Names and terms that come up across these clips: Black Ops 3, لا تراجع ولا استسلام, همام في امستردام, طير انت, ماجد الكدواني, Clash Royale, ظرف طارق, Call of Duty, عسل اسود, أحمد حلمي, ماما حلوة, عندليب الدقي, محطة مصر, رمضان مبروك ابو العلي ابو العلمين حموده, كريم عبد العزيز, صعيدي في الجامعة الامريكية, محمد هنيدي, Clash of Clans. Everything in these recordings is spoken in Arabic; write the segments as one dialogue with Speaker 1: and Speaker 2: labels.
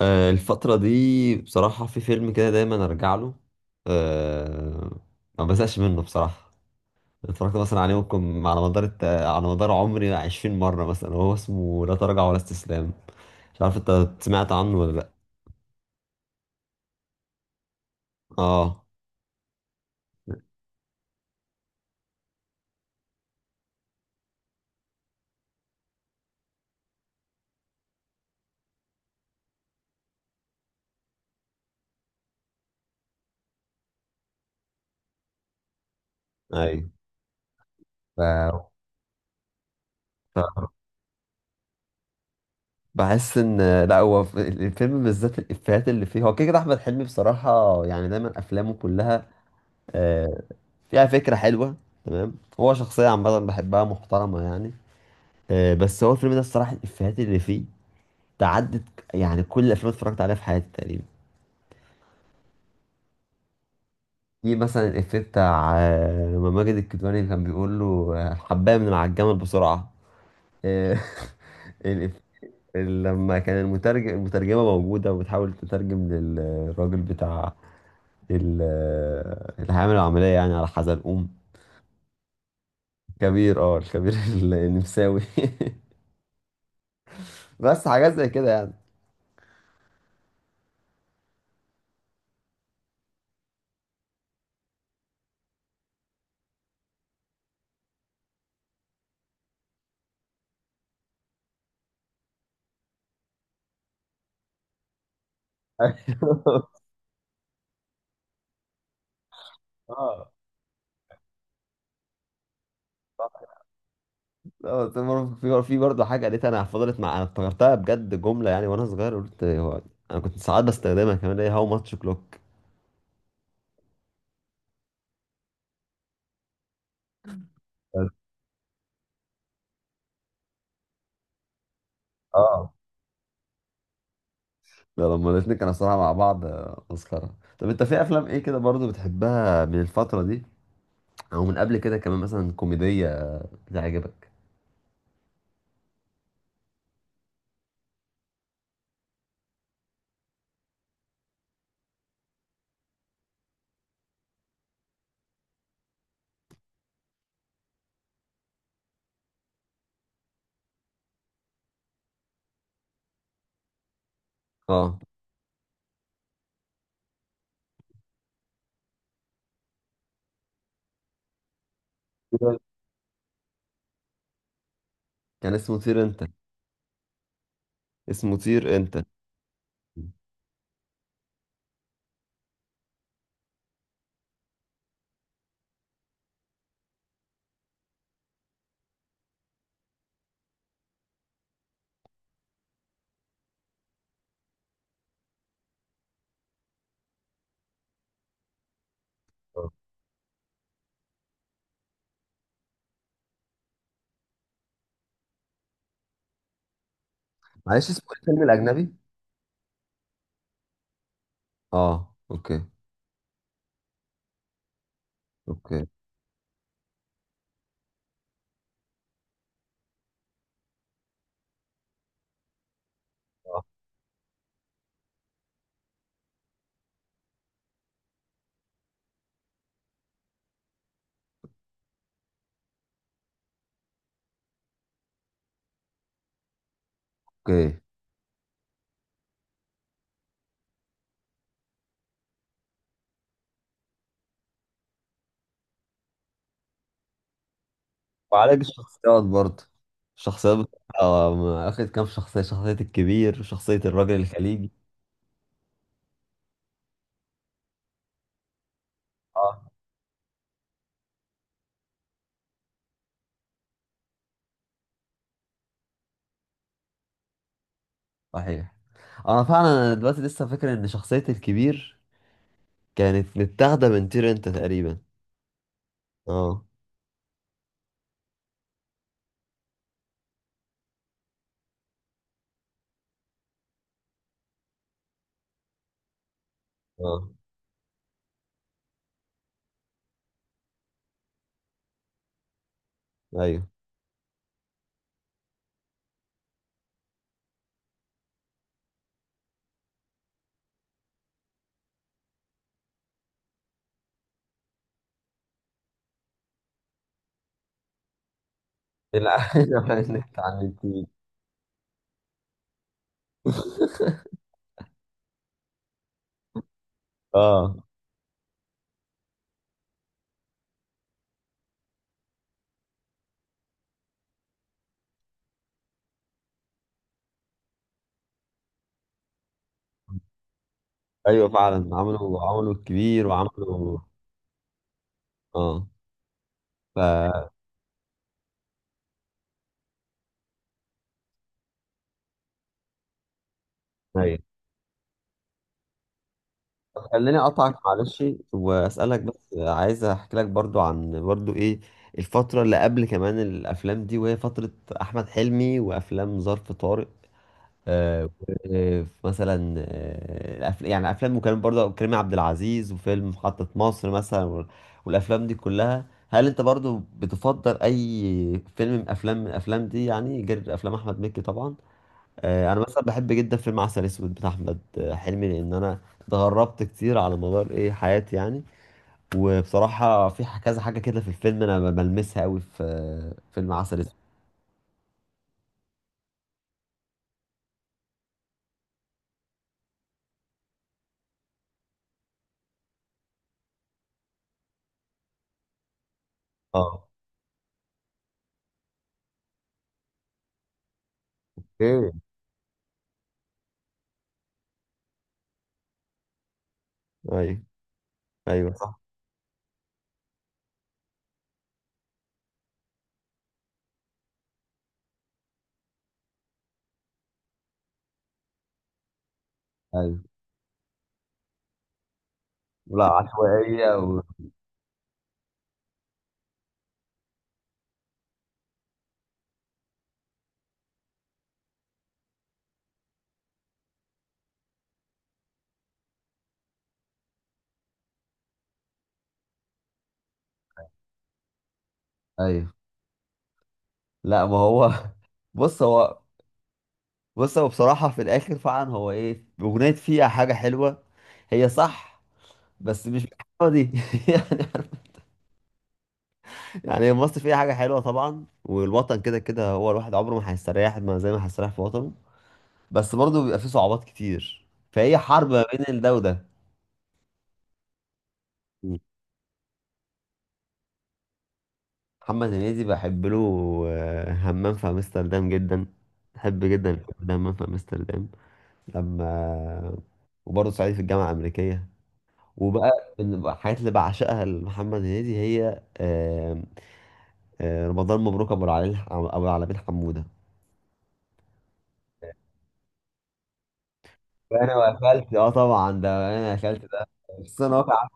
Speaker 1: الفترة دي بصراحة في فيلم كده دايما أرجع له. أه ما بزهقش منه بصراحة. اتفرجت مثلا عليه ممكن على مدار على مدار عمري 20 مرة، مثلا هو اسمه لا تراجع ولا استسلام. مش عارف انت سمعت عنه ولا لأ؟ اه. ايوه. ف... ف... بحس ان لا، هو في الفيلم بالذات الإفيهات اللي فيه، هو كده كده أحمد حلمي بصراحة، يعني دايما أفلامه كلها آه، فيها فكرة حلوة. تمام، هو شخصية عامة بحبها، محترمة يعني. بس هو الفيلم ده الصراحة الإفيهات اللي فيه تعدت يعني كل الأفلام اللي اتفرجت عليها في حياتي تقريبا. في مثلا الإفيه بتاع، لما ماجد الكدواني كان بيقول له، الحباية من على الجمل بسرعة. آه. الإف- لما كان المترجمة موجودة وبتحاول تترجم للراجل بتاع اللي هيعمل العملية يعني على حزلقوم كبير اه الكبير. النمساوي. بس حاجات زي كده يعني. اه. اه في برضه حاجه قالتها، انا فضلت، مع انا افتكرتها بجد جمله يعني وانا صغير، قلت هو انا كنت ساعات بستخدمها كمان، هي "هاو ماتش كلوك". اه، ده لما الاتنين كانوا صراحه مع بعض مسخره. طب انت في افلام ايه كده برضه بتحبها من الفتره دي، او من قبل كده كمان، مثلا كوميديه بتعجبك؟ اه، كان اسمه طير انت، اسمه طير انت. آه. معلش، اسمه ايه الفيلم الاجنبي؟ اه، اوكي. اوكي. آه، اوكي. وعلاج الشخصيات برضه، الشخصيات بتبقى، اخد كام شخصية الكبير وشخصية الراجل الخليجي. اه، صحيح. انا فعلا، أنا دلوقتي لسه فاكر ان شخصية الكبير كانت متاخدة من طير انت تقريبا. اه. اه، ايوه. لا، انك اتعلمتيه. اه، ايوه فعلا، عملوا الكبير وعملوا. اه. ف أيوه، خليني اقطعك معلش واسالك بس. عايز احكي لك برضو عن برضو ايه الفتره اللي قبل كمان الافلام دي، وهي فتره احمد حلمي وافلام ظرف طارق، مثلا افلام، وكان برضو كريم عبد العزيز وفيلم محطه مصر مثلا، والافلام دي كلها. هل انت برضو بتفضل اي فيلم من افلام من الافلام دي يعني، غير افلام احمد مكي طبعا؟ انا مثلا بحب جدا فيلم عسل اسود بتاع احمد حلمي، لان انا اتغربت كتير على مدار ايه حياتي يعني. وبصراحه في كذا حاجه كده في الفيلم انا بلمسها قوي في فيلم عسل اسود. اه. ايه. ايوه. ايوه، صح. ايوه. لا، عشوائيه و... ايوه. لا، ما هو بص هو بص هو بصراحه في الاخر فعلا هو ايه، اغنيه فيها حاجه حلوه، هي صح، بس مش بالحلاوه دي يعني. يعني انبسط في اي حاجه حلوه طبعا، والوطن كده كده، هو الواحد عمره ما هيستريح ما زي ما هيستريح في وطنه، بس برضه بيبقى فيه صعوبات كتير، فهي حرب ما بين ده وده. مم. محمد هنيدي بحب له همام في امستردام جدا، بحب جدا الفيلم ده همام في امستردام لما، وبرضه صعيدي في الجامعه الامريكيه. وبقى من الحاجات اللي بعشقها لمحمد هنيدي هي رمضان مبروك، ابو العلي، ابو العلمين حموده. انا قفلت، اه طبعا ده انا قفلت ده، خصوصا إن هو كان عامل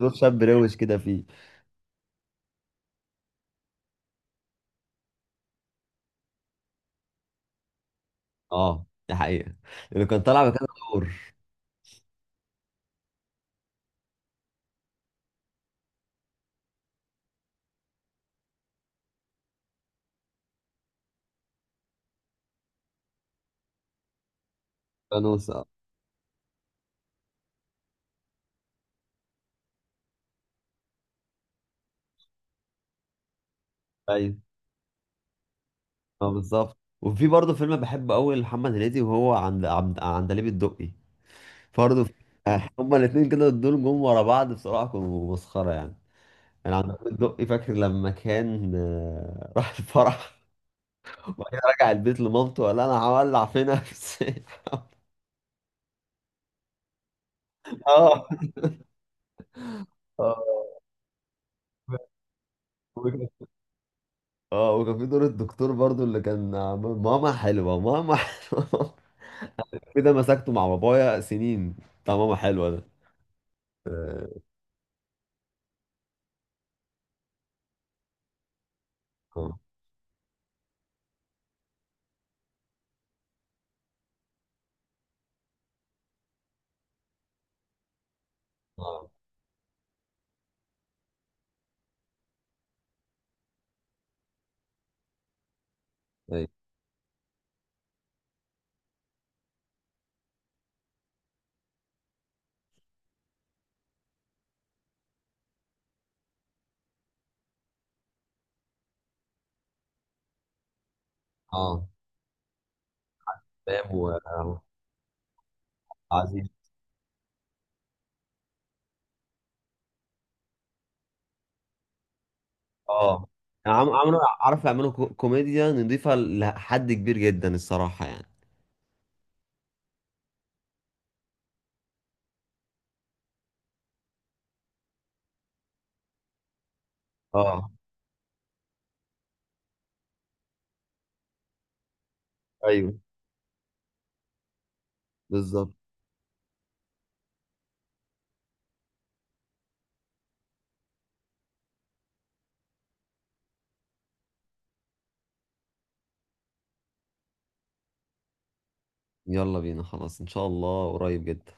Speaker 1: صوت شاب روش كده فيه. اه، دي حقيقة، اللي كان طالع مكانه دور فانوس. اه، ايوه. اه، بالظبط. وفي برضه فيلم بحبه قوي لمحمد هنيدي، وهو عند عندليب الدقي. برضه هما الاثنين كده دول جم ورا بعض بصراحة كانوا مسخرة يعني. انا عندليب الدقي فاكر لما كان، راح الفرح، وبعدين رجع البيت لمامته قال لها انا هولع في نفسي. اه. آه. اه، وكان في دور الدكتور برضو اللي كان، "ماما حلوة، ماما حلوة". كده مسكته مع بابايا سنين، بتاع ماما حلوة ده. اه. اه. اه، أيوة. آه، تمام. وعزيز. اه، يعني عملوا، عارف، يعملوا كوميديا نضيفة لحد كبير جدا الصراحة يعني. اه، ايوه بالظبط. يلا بينا، خلاص ان شاء الله قريب جدا.